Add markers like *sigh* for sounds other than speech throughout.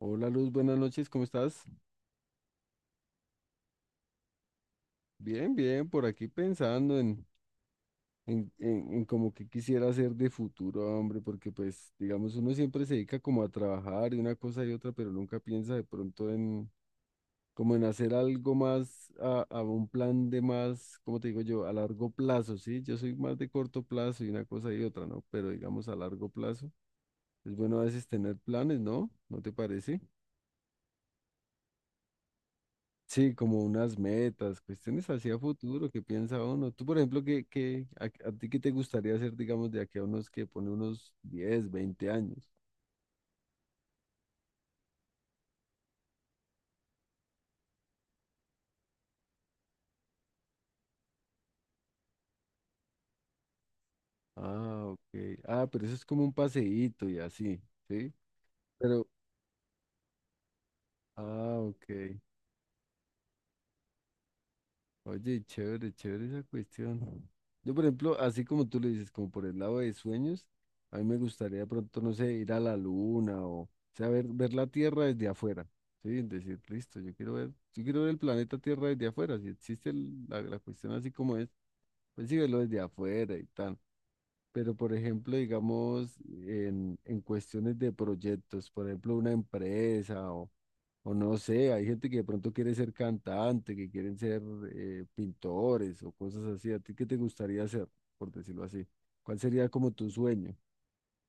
Hola Luz, buenas noches, ¿cómo estás? Bien, bien, por aquí pensando en como que quisiera hacer de futuro, hombre, porque pues, digamos, uno siempre se dedica como a trabajar y una cosa y otra, pero nunca piensa de pronto en, como en hacer algo más, a un plan de más, ¿cómo te digo yo? A largo plazo, ¿sí? Yo soy más de corto plazo y una cosa y otra, ¿no? Pero digamos a largo plazo, es bueno a veces tener planes, ¿no? ¿No te parece? Sí, como unas metas, cuestiones hacia futuro, qué piensa uno. Tú, por ejemplo, ¿qué, a ti qué te gustaría hacer, digamos, de aquí a unos que pone unos 10, 20 años? Ah, ok. Ah, pero eso es como un paseíto y así, ¿sí? Pero, ah, ok. Oye, chévere, chévere esa cuestión. Yo, por ejemplo, así como tú le dices, como por el lado de sueños, a mí me gustaría de pronto, no sé, ir a la luna o sea, ver la Tierra desde afuera, ¿sí? Es decir, listo, yo quiero ver el planeta Tierra desde afuera, si existe la cuestión así como es, pues sí, verlo desde afuera y tal. Pero, por ejemplo, digamos, en cuestiones de proyectos, por ejemplo, una empresa o no sé, hay gente que de pronto quiere ser cantante, que quieren ser pintores o cosas así. ¿A ti qué te gustaría hacer, por decirlo así? ¿Cuál sería como tu sueño,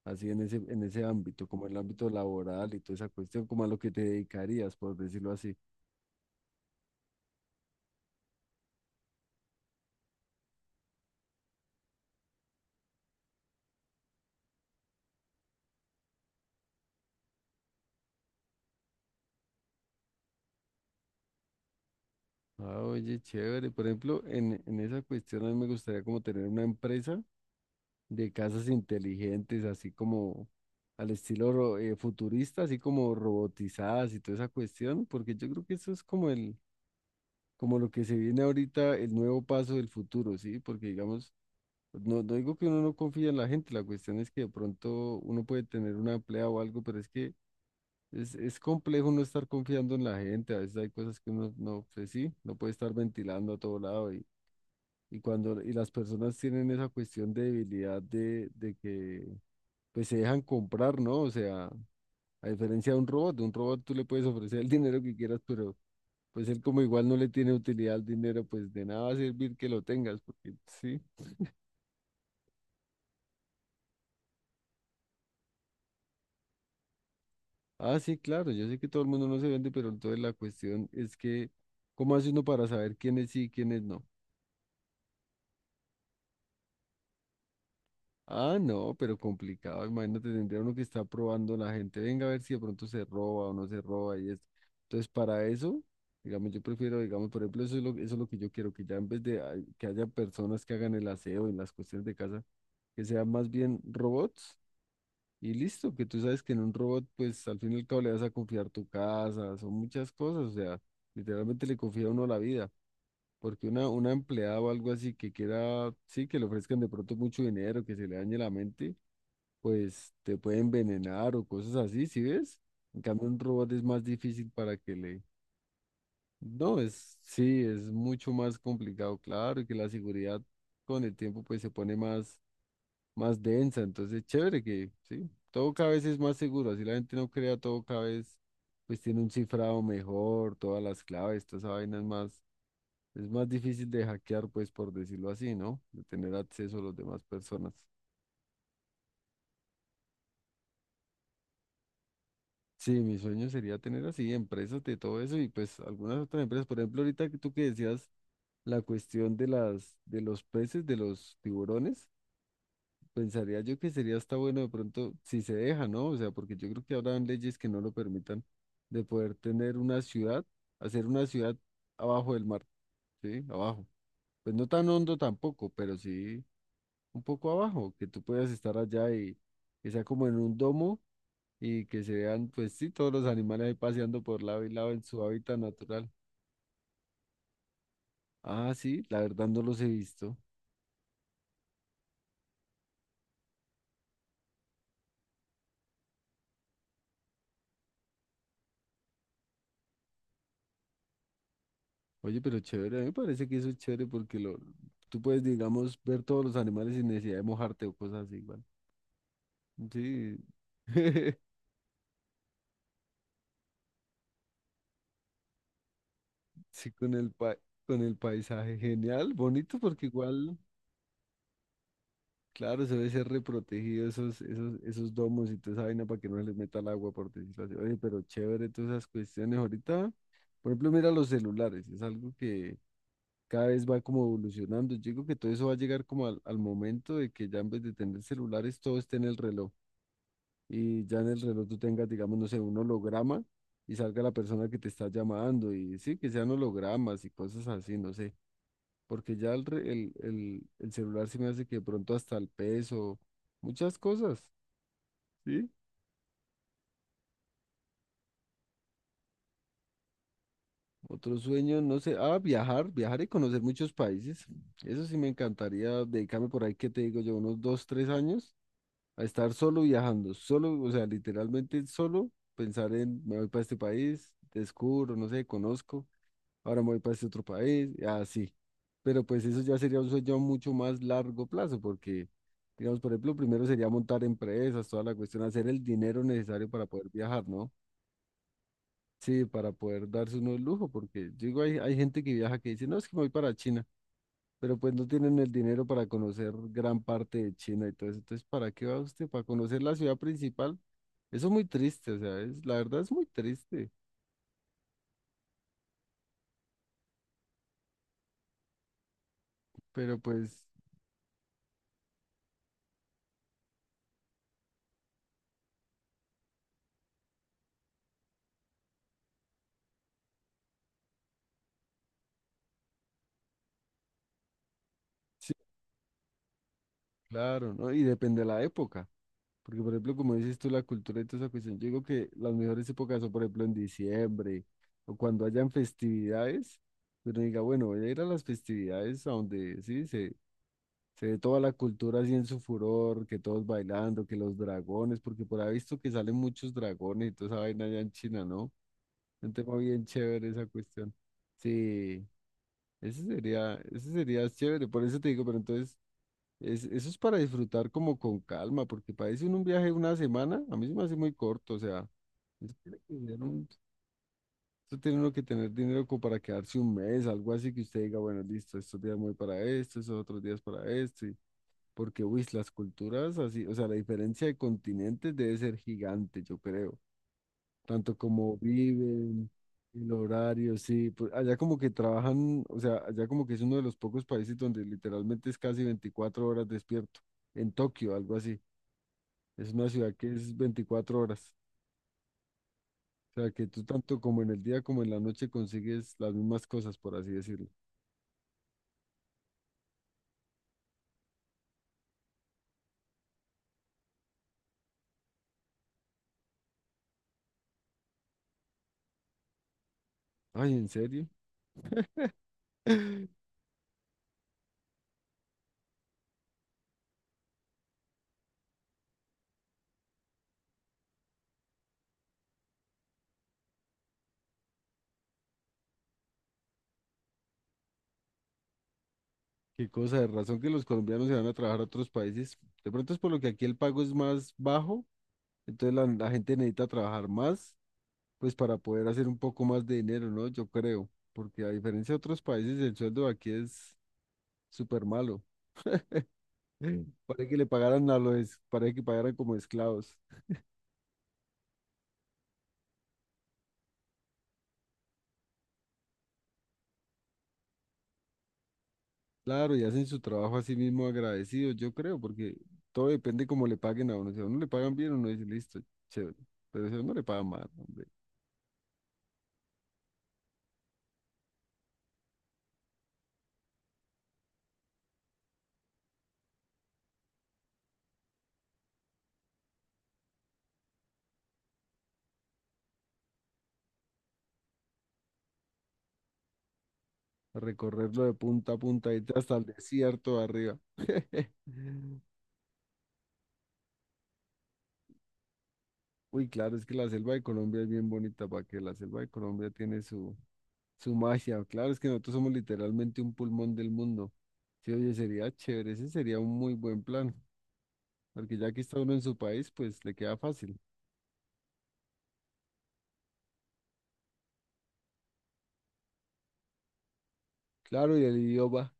así en ese ámbito, como el ámbito laboral y toda esa cuestión, como a lo que te dedicarías, por decirlo así? Ah, oye, chévere. Por ejemplo, en esa cuestión a mí me gustaría como tener una empresa de casas inteligentes, así como al estilo futurista, así como robotizadas y toda esa cuestión, porque yo creo que eso es como lo que se viene ahorita, el nuevo paso del futuro, ¿sí? Porque digamos, no, no digo que uno no confía en la gente, la cuestión es que de pronto uno puede tener una emplea o algo, pero es que es complejo no estar confiando en la gente, a veces hay cosas que uno no, pues sí, no puede estar ventilando a todo lado y, y cuando las personas tienen esa cuestión de debilidad de que pues se dejan comprar, ¿no? O sea, a diferencia de un robot, tú le puedes ofrecer el dinero que quieras, pero pues él como igual no le tiene utilidad al dinero, pues de nada va a servir que lo tengas, porque sí. Ah, sí, claro, yo sé que todo el mundo no se vende, pero entonces la cuestión es que, ¿cómo hace uno para saber quiénes sí y quiénes no? Ah, no, pero complicado, imagínate, tendría uno que está probando la gente, venga a ver si de pronto se roba o no se roba y esto. Entonces, para eso, digamos, yo prefiero, digamos, por ejemplo, eso es lo que yo quiero, que ya en vez de que haya personas que hagan el aseo y las cuestiones de casa, que sean más bien robots. Y listo, que tú sabes que en un robot, pues al fin y al cabo le vas a confiar tu casa, son muchas cosas, o sea, literalmente le confía a uno la vida, porque una empleada o algo así que quiera, sí, que le ofrezcan de pronto mucho dinero, que se le dañe la mente, pues te puede envenenar o cosas así, ¿sí ves? En cambio, un robot es más difícil para que le... No, es, sí, es mucho más complicado, claro, y que la seguridad con el tiempo pues se pone más densa. Entonces, chévere que, sí, todo cada vez es más seguro. Así la gente no crea, todo cada vez, pues tiene un cifrado mejor, todas las claves, toda esa vaina es más difícil de hackear, pues por decirlo así, ¿no? De tener acceso a las demás personas. Sí, mi sueño sería tener así empresas de todo eso y pues algunas otras empresas. Por ejemplo, ahorita que tú que decías la cuestión de las, de los peces, de los tiburones. Pensaría yo que sería hasta bueno de pronto si se deja, ¿no? O sea, porque yo creo que habrán leyes que no lo permitan de poder tener una ciudad, hacer una ciudad abajo del mar, ¿sí? Abajo. Pues no tan hondo tampoco, pero sí un poco abajo, que tú puedas estar allá y que sea como en un domo y que se vean, pues sí, todos los animales ahí paseando por lado y lado en su hábitat natural. Ah, sí, la verdad no los he visto. Oye, pero chévere, a mí me parece que eso es chévere porque lo, tú puedes, digamos, ver todos los animales sin necesidad de mojarte o cosas así, igual. Sí, *laughs* sí, con el paisaje, genial, bonito porque igual, claro, se debe ser reprotegido esos domos y toda esa vaina para que no se les meta el agua, por decirlo así. Oye, pero chévere todas esas cuestiones ahorita. Por ejemplo, mira los celulares, es algo que cada vez va como evolucionando. Yo digo que todo eso va a llegar como al momento de que ya en vez de tener celulares, todo esté en el reloj. Y ya en el reloj tú tengas, digamos, no sé, un holograma y salga la persona que te está llamando y sí, que sean hologramas y cosas así, no sé, porque ya el, re- el celular se me hace que de pronto hasta el peso, muchas cosas, ¿sí? Otro sueño, no sé, ah, viajar y conocer muchos países. Eso sí me encantaría dedicarme por ahí, ¿qué te digo yo? Unos dos, tres años a estar solo viajando, solo, o sea, literalmente solo pensar en, me voy para este país, descubro, no sé, conozco. Ahora me voy para este otro país, y así. Pero pues eso ya sería un sueño a mucho más largo plazo, porque, digamos, por ejemplo, primero sería montar empresas, toda la cuestión, hacer el dinero necesario para poder viajar, ¿no? Sí, para poder darse uno el lujo, porque yo digo, hay gente que viaja que dice, no, es que me voy para China, pero pues no tienen el dinero para conocer gran parte de China y todo eso. Entonces, ¿para qué va usted? ¿Para conocer la ciudad principal? Eso es muy triste, o sea, es, la verdad es muy triste, pero pues sí, claro, ¿no? Y depende de la época. Porque, por ejemplo, como dices tú, la cultura y toda esa cuestión, yo digo que las mejores épocas son, por ejemplo, en diciembre o cuando hayan festividades, pero diga, bueno, voy a ir a las festividades a donde, sí, se ve toda la cultura así en su furor, que todos bailando, que los dragones, porque por ahí he visto que salen muchos dragones y toda esa vaina allá en China, ¿no? Un tema bien chévere esa cuestión. Sí, ese sería chévere, por eso te digo, pero entonces... Es, eso es para disfrutar como con calma, porque parece un viaje de una semana, a mí se me hace muy corto, o sea, eso tiene que ser un- eso tiene uno que tener dinero como para quedarse un mes, algo así que usted diga, bueno, listo, estos días me voy para esto, esos otros días para esto, y- porque, uy, las culturas así, o sea, la diferencia de continentes debe ser gigante, yo creo, tanto como viven, el horario, sí, pues, allá como que trabajan, o sea, allá como que es uno de los pocos países donde literalmente es casi 24 horas despierto en Tokio, algo así. Es una ciudad que es 24 horas. O sea, que tú tanto como en el día como en la noche consigues las mismas cosas, por así decirlo. Ay, ¿en serio? *laughs* Qué cosa de razón que los colombianos se van a trabajar a otros países. De pronto es por lo que aquí el pago es más bajo, entonces la gente necesita trabajar más, pues para poder hacer un poco más de dinero, ¿no? Yo creo, porque a diferencia de otros países, el sueldo de aquí es súper malo. *laughs* Parece que le pagaran a los, parece que pagaran como esclavos. Claro, y hacen su trabajo así mismo agradecidos, yo creo, porque todo depende cómo le paguen a uno. Si a uno le pagan bien, uno dice, listo, chévere. Pero si a uno le pagan mal, hombre, recorrerlo de punta a punta, irte hasta el desierto de arriba. *laughs* Uy, claro, es que la selva de Colombia es bien bonita, para que la selva de Colombia tiene su, su magia. Claro, es que nosotros somos literalmente un pulmón del mundo. Sí, oye, sería chévere, ese sería un muy buen plan, porque ya que está uno en su país, pues le queda fácil. Claro, y el idioma.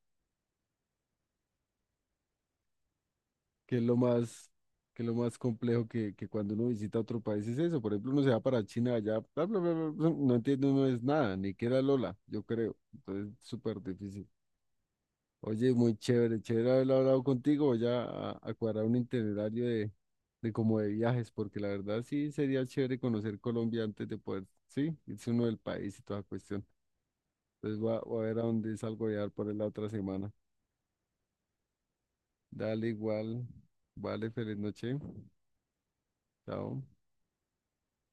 que es lo más, que es lo más complejo que cuando uno visita otro país es eso. Por ejemplo, uno se va para China allá, bla, bla, bla, bla, bla, no entiende uno es nada, ni que era Lola, yo creo. Entonces, súper difícil. Oye, muy chévere, chévere haber hablado contigo. Voy a cuadrar un itinerario de como de viajes, porque la verdad sí sería chévere conocer Colombia antes de poder, sí, irse uno del país y toda cuestión. Entonces voy a, voy a ver a dónde salgo a viajar por ahí la otra semana. Dale igual. Vale, feliz noche. Chao.